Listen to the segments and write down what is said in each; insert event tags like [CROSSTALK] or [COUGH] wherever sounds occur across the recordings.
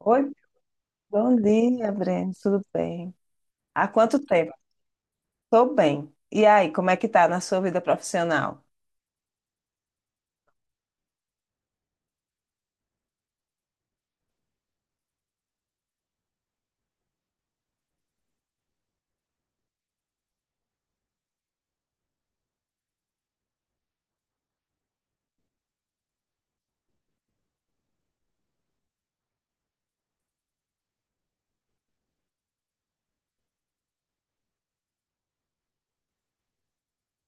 Oi, bom dia, Breno. Tudo bem? Há quanto tempo? Estou bem. E aí, como é que tá na sua vida profissional?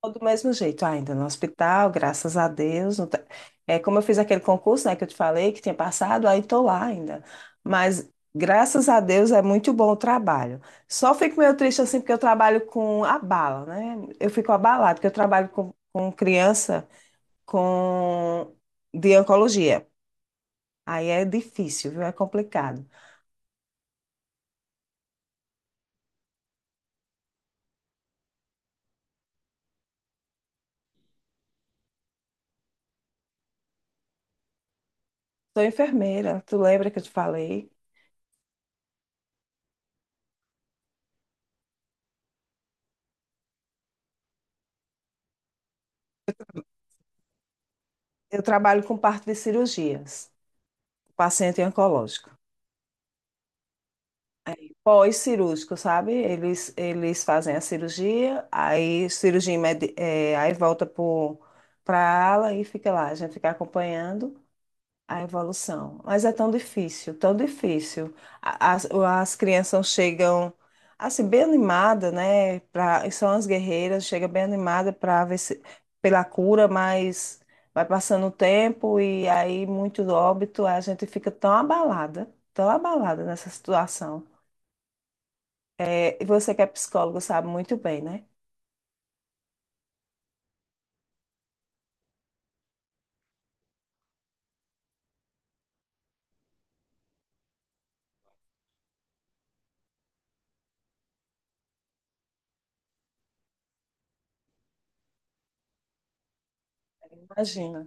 Tô do mesmo jeito, ainda no hospital, graças a Deus. Não tá- É, como eu fiz aquele concurso, né, que eu te falei que tinha passado, aí estou lá ainda. Mas graças a Deus é muito bom o trabalho. Só fico meio triste assim porque eu trabalho com a bala, né? Eu fico abalada porque eu trabalho com criança com de oncologia. Aí é difícil, viu? É complicado. Sou enfermeira, tu lembra que eu te falei? Eu trabalho com parte de cirurgias, paciente oncológico. Pós-cirúrgico, sabe? Eles fazem a cirurgia, aí cirurgia, aí volta para a ala e fica lá, a gente fica acompanhando a evolução. Mas é tão difícil, tão difícil. As crianças chegam assim, bem animada, né? São as guerreiras, chega bem animada para ver se, pela cura, mas vai passando o tempo e aí muito óbito, a gente fica tão abalada nessa situação. É, e você que é psicólogo sabe muito bem, né? Imagina.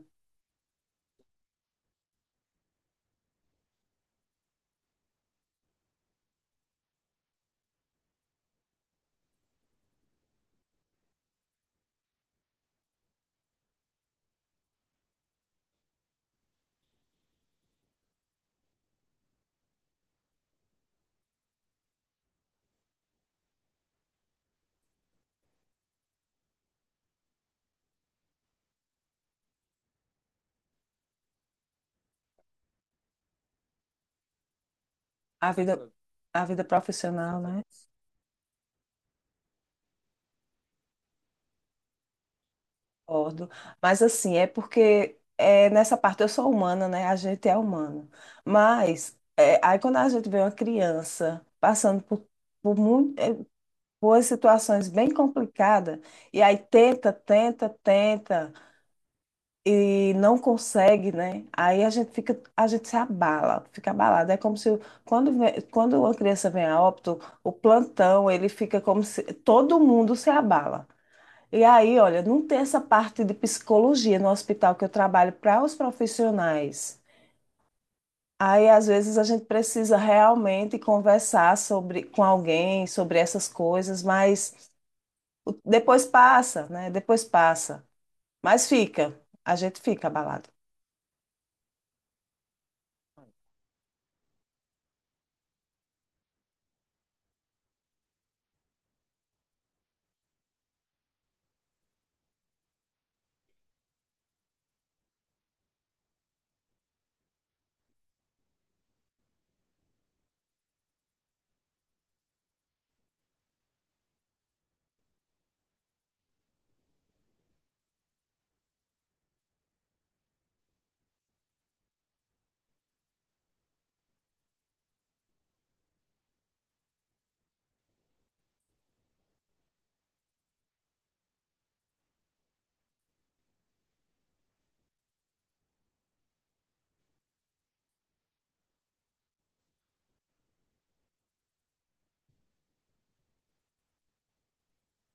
A vida, a vida profissional, né? Concordo, mas assim, é porque nessa parte eu sou humana, né? A gente é humano. Mas aí quando a gente vê uma criança passando muito, por situações bem complicadas, e aí tenta, tenta, tenta, e não consegue, né? Aí a gente fica, a gente se abala, fica abalada. É como se quando uma criança vem a óbito, o plantão, ele fica como se todo mundo se abala. E aí, olha, não tem essa parte de psicologia no hospital que eu trabalho para os profissionais. Aí, às vezes, a gente precisa realmente conversar sobre, com alguém sobre essas coisas, mas depois passa, né? Depois passa. Mas fica, a gente fica abalado.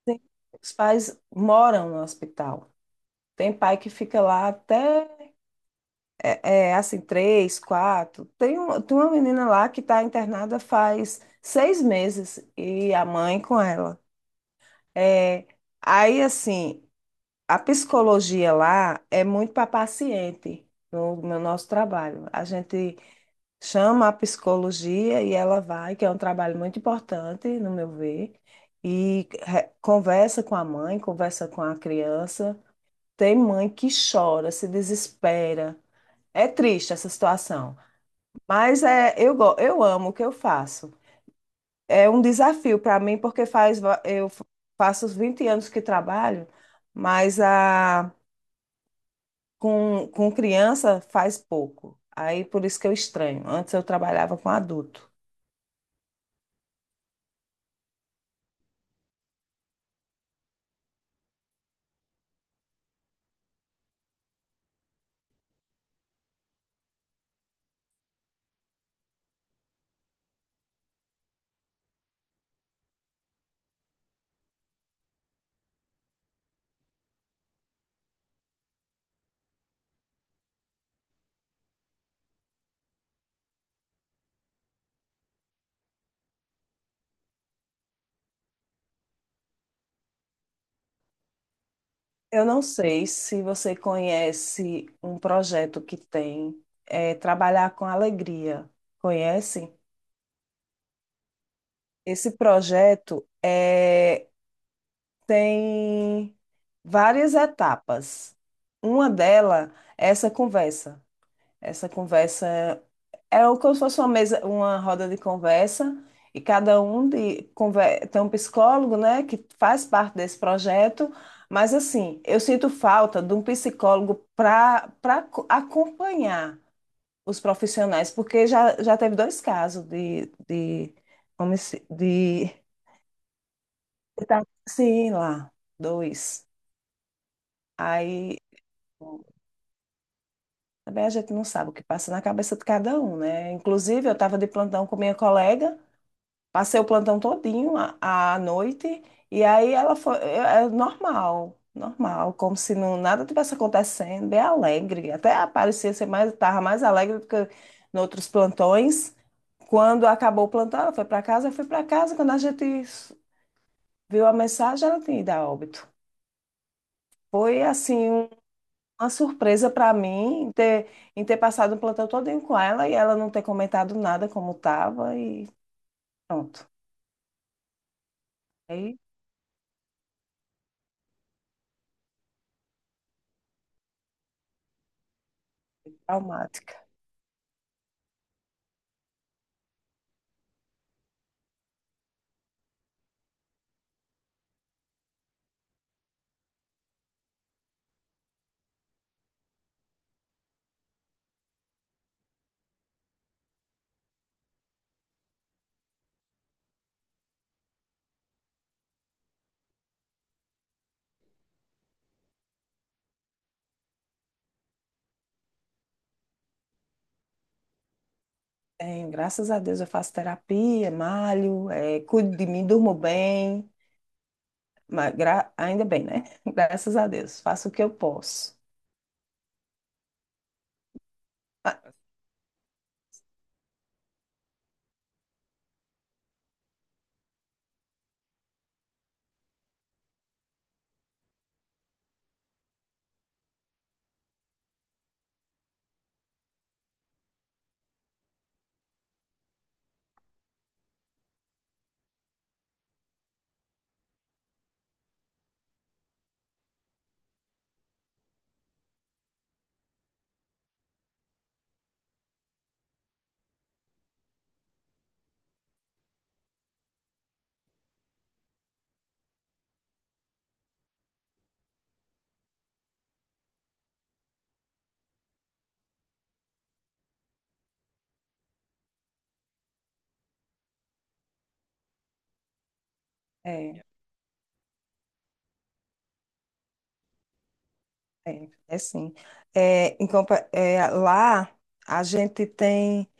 Tem- Os pais moram no hospital. Tem pai que fica lá até, assim, três, quatro. Tem uma menina lá que está internada faz 6 meses e a mãe com ela. É, aí, assim, a psicologia lá é muito para paciente no nosso trabalho. A gente chama a psicologia e ela vai, que é um trabalho muito importante, no meu ver, e conversa com a mãe, conversa com a criança. Tem mãe que chora, se desespera. É triste essa situação, mas eu amo o que eu faço, é um desafio para mim, porque faz, va- eu fa- faço os 20 anos que trabalho, mas com criança faz pouco. Aí por isso que eu estranho. Antes eu trabalhava com adulto. Eu não sei se você conhece um projeto que tem, Trabalhar com Alegria. Conhece? Esse projeto tem várias etapas. Uma delas é essa conversa. Essa conversa é como se fosse uma mesa, uma roda de conversa, e cada um tem um psicólogo, né, que faz parte desse projeto, mas assim, eu sinto falta de um psicólogo para acompanhar os profissionais, porque já teve dois casos de, de, sim, lá, dois. Aí também a gente não sabe o que passa na cabeça de cada um, né? Inclusive, eu estava de plantão com minha colega. Passei o plantão todinho à noite e aí ela foi, normal, normal, como se não nada tivesse acontecendo, bem alegre, até parecia ser mais, tava mais alegre do que em outros plantões. Quando acabou o plantão, ela foi para casa, eu fui para casa, quando a gente viu a mensagem, ela tinha ido a óbito. Foi assim uma surpresa para mim em ter, passado o plantão todinho com ela e ela não ter comentado nada como estava e pronto. Aí, traumático. Tenho, graças a Deus eu faço terapia, malho, cuido de mim, durmo bem, mas ainda bem, né? [LAUGHS] Graças a Deus, faço o que eu posso. Ah, É, sim. Lá a gente tem.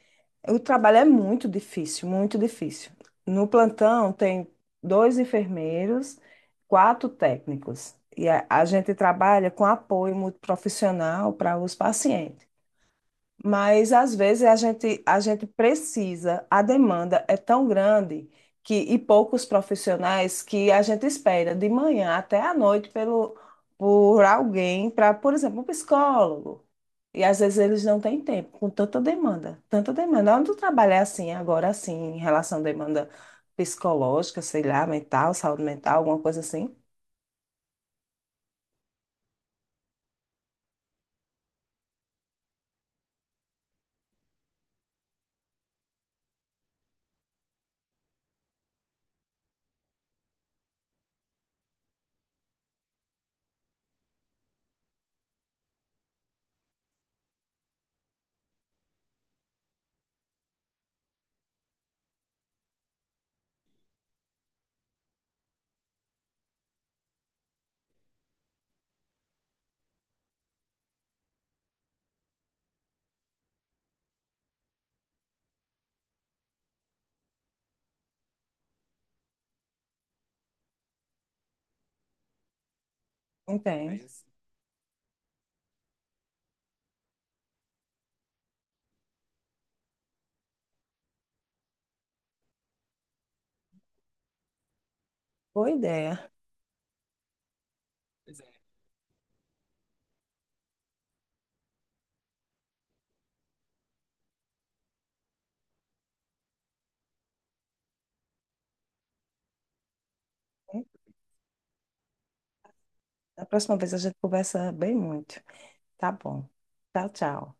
O trabalho é muito difícil, muito difícil. No plantão tem dois enfermeiros, quatro técnicos. E a gente trabalha com apoio muito profissional para os pacientes. Mas às vezes a gente precisa, a demanda é tão grande que, e poucos profissionais que a gente espera de manhã até à noite por alguém, para, por exemplo, um psicólogo. E às vezes eles não têm tempo, com tanta demanda, tanta demanda. Onde tu trabalha assim, agora assim, em relação à demanda psicológica, sei lá, mental, saúde mental, alguma coisa assim? Entende? Boa ideia. Da próxima vez a gente conversa bem muito. Tá bom. Tchau, tchau.